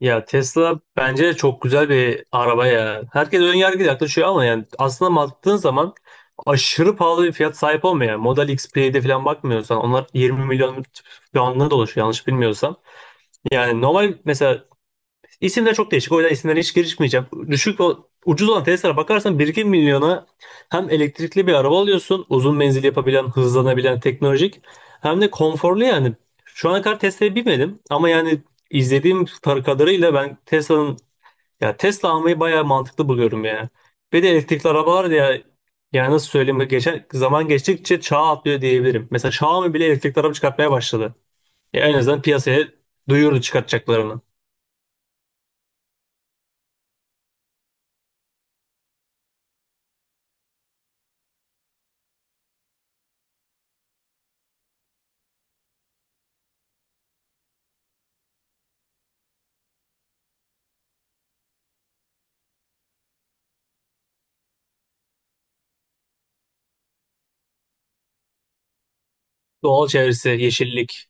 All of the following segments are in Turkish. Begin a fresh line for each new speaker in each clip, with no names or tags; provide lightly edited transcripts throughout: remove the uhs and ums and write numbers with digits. Ya Tesla bence çok güzel bir araba ya. Herkes ön yargıyla yaklaşıyor ama yani aslında baktığın zaman aşırı pahalı bir fiyat sahip olmuyor. Yani Model X, P'de falan bakmıyorsan onlar 20 milyon puanına dolaşıyor yanlış bilmiyorsam. Yani normal mesela İsimler çok değişik. O yüzden isimlere hiç girişmeyeceğim. Düşük o ucuz olan Tesla'lara bakarsan bir iki milyona hem elektrikli bir araba alıyorsun. Uzun menzil yapabilen, hızlanabilen, teknolojik. Hem de konforlu yani. Şu ana kadar Tesla'ya binmedim ama yani izlediğim kadarıyla ben Tesla'nın ya Tesla almayı bayağı mantıklı buluyorum yani. Bir de elektrikli arabalar da ya yani nasıl söyleyeyim, geçen zaman geçtikçe çağ atlıyor diyebilirim. Mesela Xiaomi bile elektrikli araba çıkartmaya başladı. Ya en azından piyasaya duyurdu çıkartacaklarını. Doğal çevresi, yeşillik.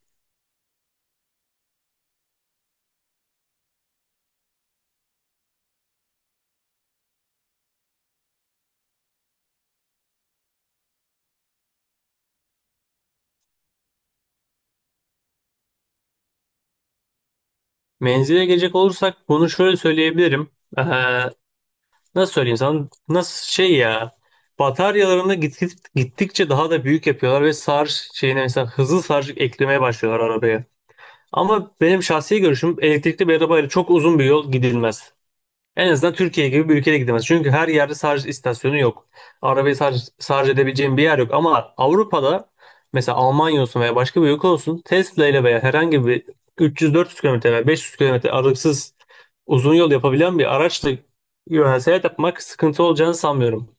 Menzile gelecek olursak bunu şöyle söyleyebilirim. Ee, nasıl söyleyeyim sana? Nasıl şey ya? Bataryalarını gittikçe daha da büyük yapıyorlar ve şarj şeyine mesela hızlı şarj eklemeye başlıyorlar arabaya. Ama benim şahsi görüşüm elektrikli bir arabayla çok uzun bir yol gidilmez. En azından Türkiye gibi bir ülkede gidilmez. Çünkü her yerde şarj istasyonu yok. Arabayı şarj edebileceğin bir yer yok. Ama Avrupa'da mesela Almanya olsun veya başka bir ülke olsun, Tesla ile veya herhangi bir 300-400 kilometre veya 500 kilometre aralıksız uzun yol yapabilen bir araçla yönel seyahat yapmak sıkıntı olacağını sanmıyorum.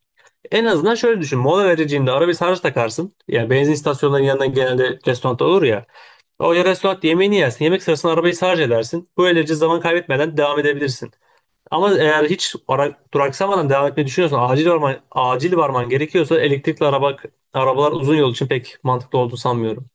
En azından şöyle düşün. Mola vereceğinde ara bir sarhoş takarsın. Ya benzin istasyonlarının yanından genelde restoran olur ya. O ya restoran yemeğini yersin. Yemek sırasında arabayı sarhoş edersin. Böylece zaman kaybetmeden devam edebilirsin. Ama eğer hiç duraksamadan devam etmeyi düşünüyorsan, acil varman gerekiyorsa elektrikli arabalar uzun yol için pek mantıklı olduğunu sanmıyorum.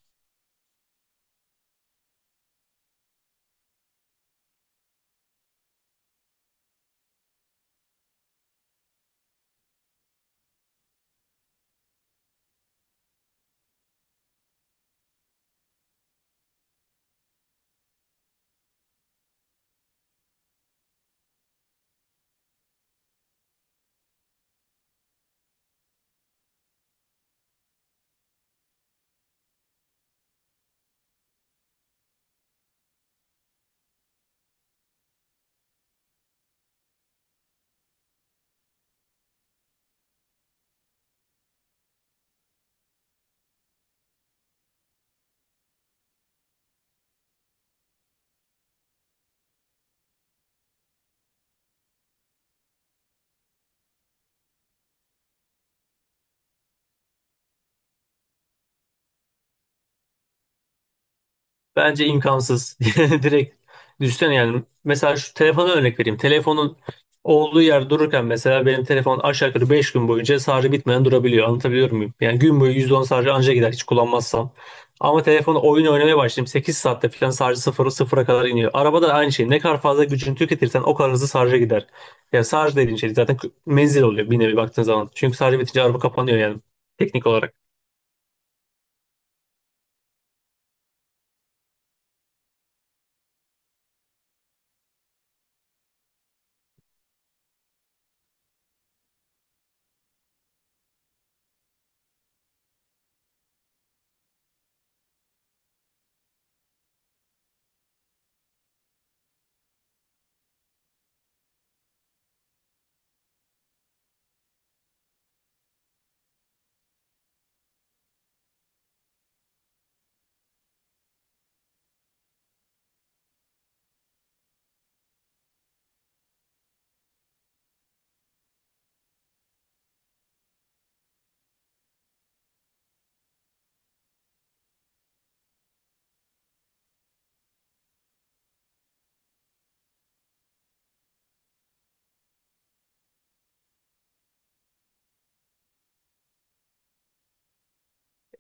Bence imkansız. Direkt düşünsene yani. Mesela şu telefona örnek vereyim. Telefonun olduğu yer dururken mesela benim telefon aşağı yukarı 5 gün boyunca şarjı bitmeden durabiliyor. Anlatabiliyor muyum? Yani gün boyu %10 şarjı anca gider hiç kullanmazsam. Ama telefonu oyun oynamaya başlayayım, sekiz saatte falan şarjı sıfıra kadar iniyor. Arabada da aynı şey. Ne kadar fazla gücünü tüketirsen o kadar hızlı şarja gider. Yani şarj dediğin şey zaten menzil oluyor bir nevi baktığın zaman. Çünkü şarjı bitince araba kapanıyor yani teknik olarak.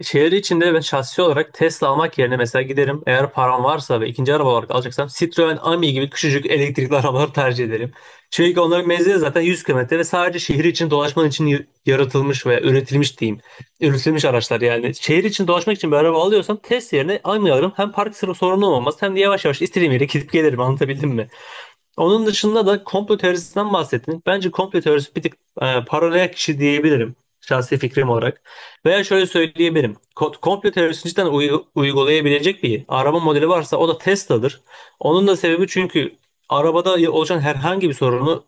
Şehir içinde ben şahsi olarak Tesla almak yerine mesela giderim, eğer param varsa ve ikinci araba olarak alacaksam, Citroen Ami gibi küçücük elektrikli arabaları tercih ederim. Çünkü onların menzili zaten 100 kilometre ve sadece şehir için dolaşman için yaratılmış ve üretilmiş diyeyim. Üretilmiş araçlar yani. Şehir için dolaşmak için bir araba alıyorsam Tesla yerine Ami alırım. Hem park sıra sorunu olmaz hem de yavaş yavaş istediğim yere gidip gelirim, anlatabildim mi? Onun dışında da komplo teorisinden bahsettiniz. Bence komplo teorisi bir tık paralel kişi diyebilirim şahsi fikrim olarak. Veya şöyle söyleyebilirim. Komplo teorisini cidden uygulayabilecek bir araba modeli varsa o da Tesla'dır. Onun da sebebi, çünkü arabada oluşan herhangi bir sorunu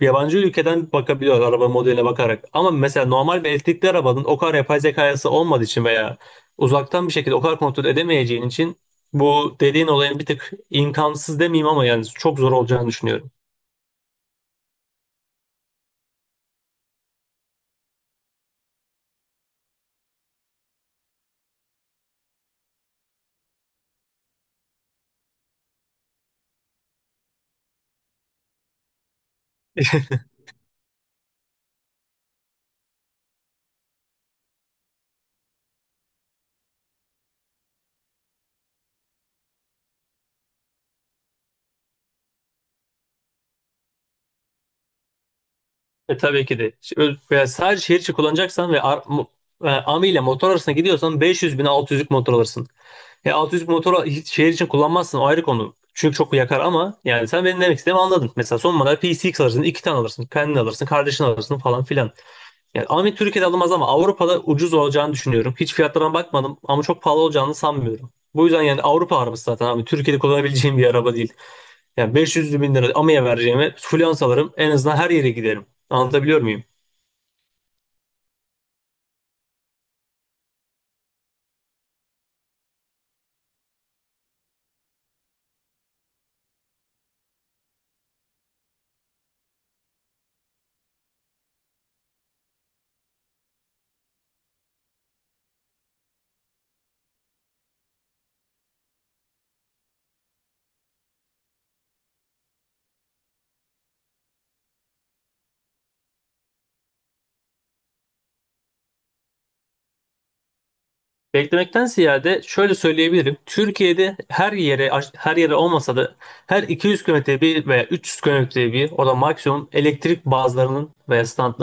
yabancı ülkeden bakabiliyor araba modeline bakarak. Ama mesela normal bir elektrikli arabanın o kadar yapay zekası olmadığı için veya uzaktan bir şekilde o kadar kontrol edemeyeceğin için bu dediğin olayın bir tık imkansız demeyeyim ama yani çok zor olacağını düşünüyorum. E tabii ki de. Veya sadece şehir içi kullanacaksan ve Ami ile motor arasına gidiyorsan 500 bin 600'lük motor alırsın. E 600 motoru hiç şehir için kullanmazsın, o ayrı konu. Çünkü çok yakar ama yani sen benim demek istediğimi anladın. Mesela son model PCX alırsın, iki tane alırsın, kendin alırsın, kardeşin alırsın falan filan. Yani Ami Türkiye'de alınmaz ama Avrupa'da ucuz olacağını düşünüyorum. Hiç fiyatlarına bakmadım ama çok pahalı olacağını sanmıyorum. Bu yüzden yani Avrupa arabası zaten abi. Türkiye'de kullanabileceğim bir araba değil. Yani 500 bin lira AMI'ye vereceğime flyans alırım. En azından her yere giderim. Anlatabiliyor muyum? Beklemekten ziyade şöyle söyleyebilirim. Türkiye'de her yere olmasa da her 200 kilometre bir veya 300 kilometre bir, o da maksimum, elektrik bazlarının veya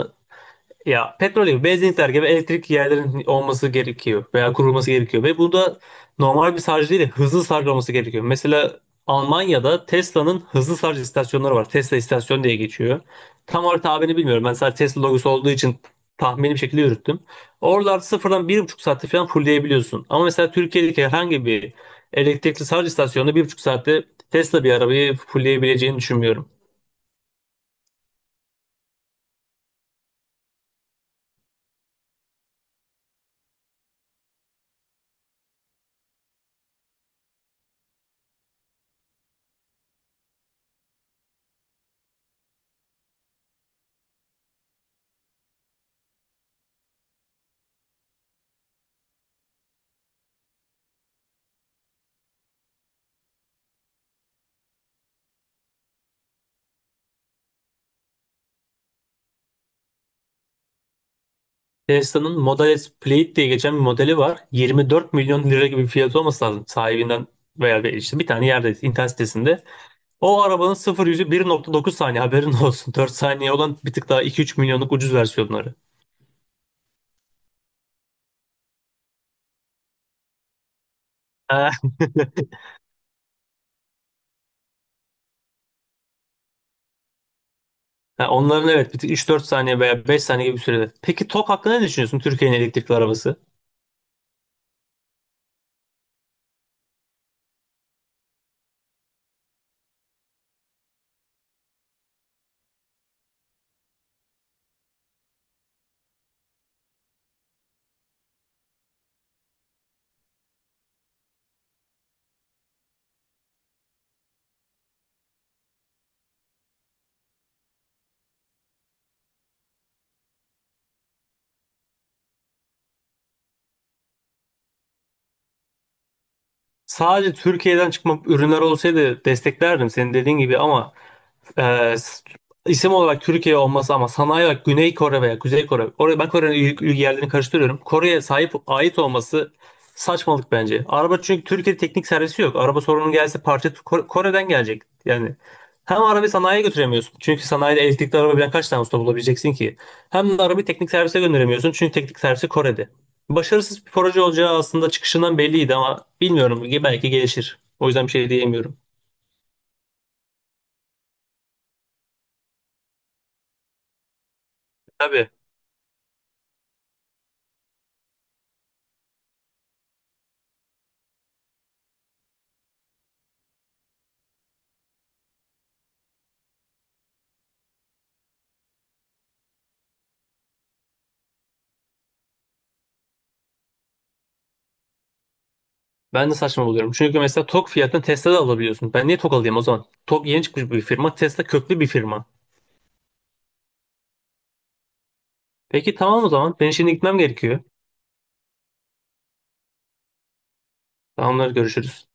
ya petrol gibi, benzinlikler gibi elektrik yerlerin olması gerekiyor veya kurulması gerekiyor ve bu da normal bir şarj değil de hızlı şarj olması gerekiyor. Mesela Almanya'da Tesla'nın hızlı şarj istasyonları var. Tesla istasyon diye geçiyor. Tam olarak tabirini bilmiyorum. Ben sadece Tesla logosu olduğu için tahmini bir şekilde yürüttüm. Oralarda sıfırdan bir buçuk saatte falan fullleyebiliyorsun. Ama mesela Türkiye'deki herhangi bir elektrikli şarj istasyonunda bir buçuk saatte Tesla bir arabayı fullleyebileceğini düşünmüyorum. Tesla'nın Model S Plaid diye geçen bir modeli var. 24 milyon lira gibi bir fiyatı olması lazım sahibinden veya bir, işte bir tane yerde, internet sitesinde. O arabanın 0 yüzü 1.9 saniye, haberin olsun. 4 saniye olan bir tık daha 2-3 milyonluk ucuz versiyonları. Ha, ha, onların evet bir tık 3-4 saniye veya 5 saniye gibi bir sürede. Peki TOK hakkında ne düşünüyorsun, Türkiye'nin elektrikli arabası? Sadece Türkiye'den çıkma ürünler olsaydı desteklerdim senin dediğin gibi ama ee, s- isim olarak Türkiye olması ama sanayi olarak Güney Kore veya Kuzey Kore. Oraya ben Kore'nin yerlerini karıştırıyorum. Kore'ye sahip ait olması saçmalık bence. Araba çünkü Türkiye'de teknik servisi yok. Araba sorunu gelse parça Kore'den gelecek. Yani hem arabayı sanayiye götüremiyorsun. Çünkü sanayide elektrikli araba bilen kaç tane usta bulabileceksin ki? Hem de arabayı teknik servise gönderemiyorsun. Çünkü teknik servisi Kore'de. Başarısız bir proje olacağı aslında çıkışından belliydi ama bilmiyorum. Belki gelişir. O yüzden bir şey diyemiyorum. Tabii. Ben de saçma buluyorum. Çünkü mesela TOG fiyatını Tesla'da alabiliyorsun. Ben niye TOG alayım o zaman? TOG yeni çıkmış bir firma. Tesla köklü bir firma. Peki tamam o zaman. Ben şimdi gitmem gerekiyor. Tamamlar görüşürüz.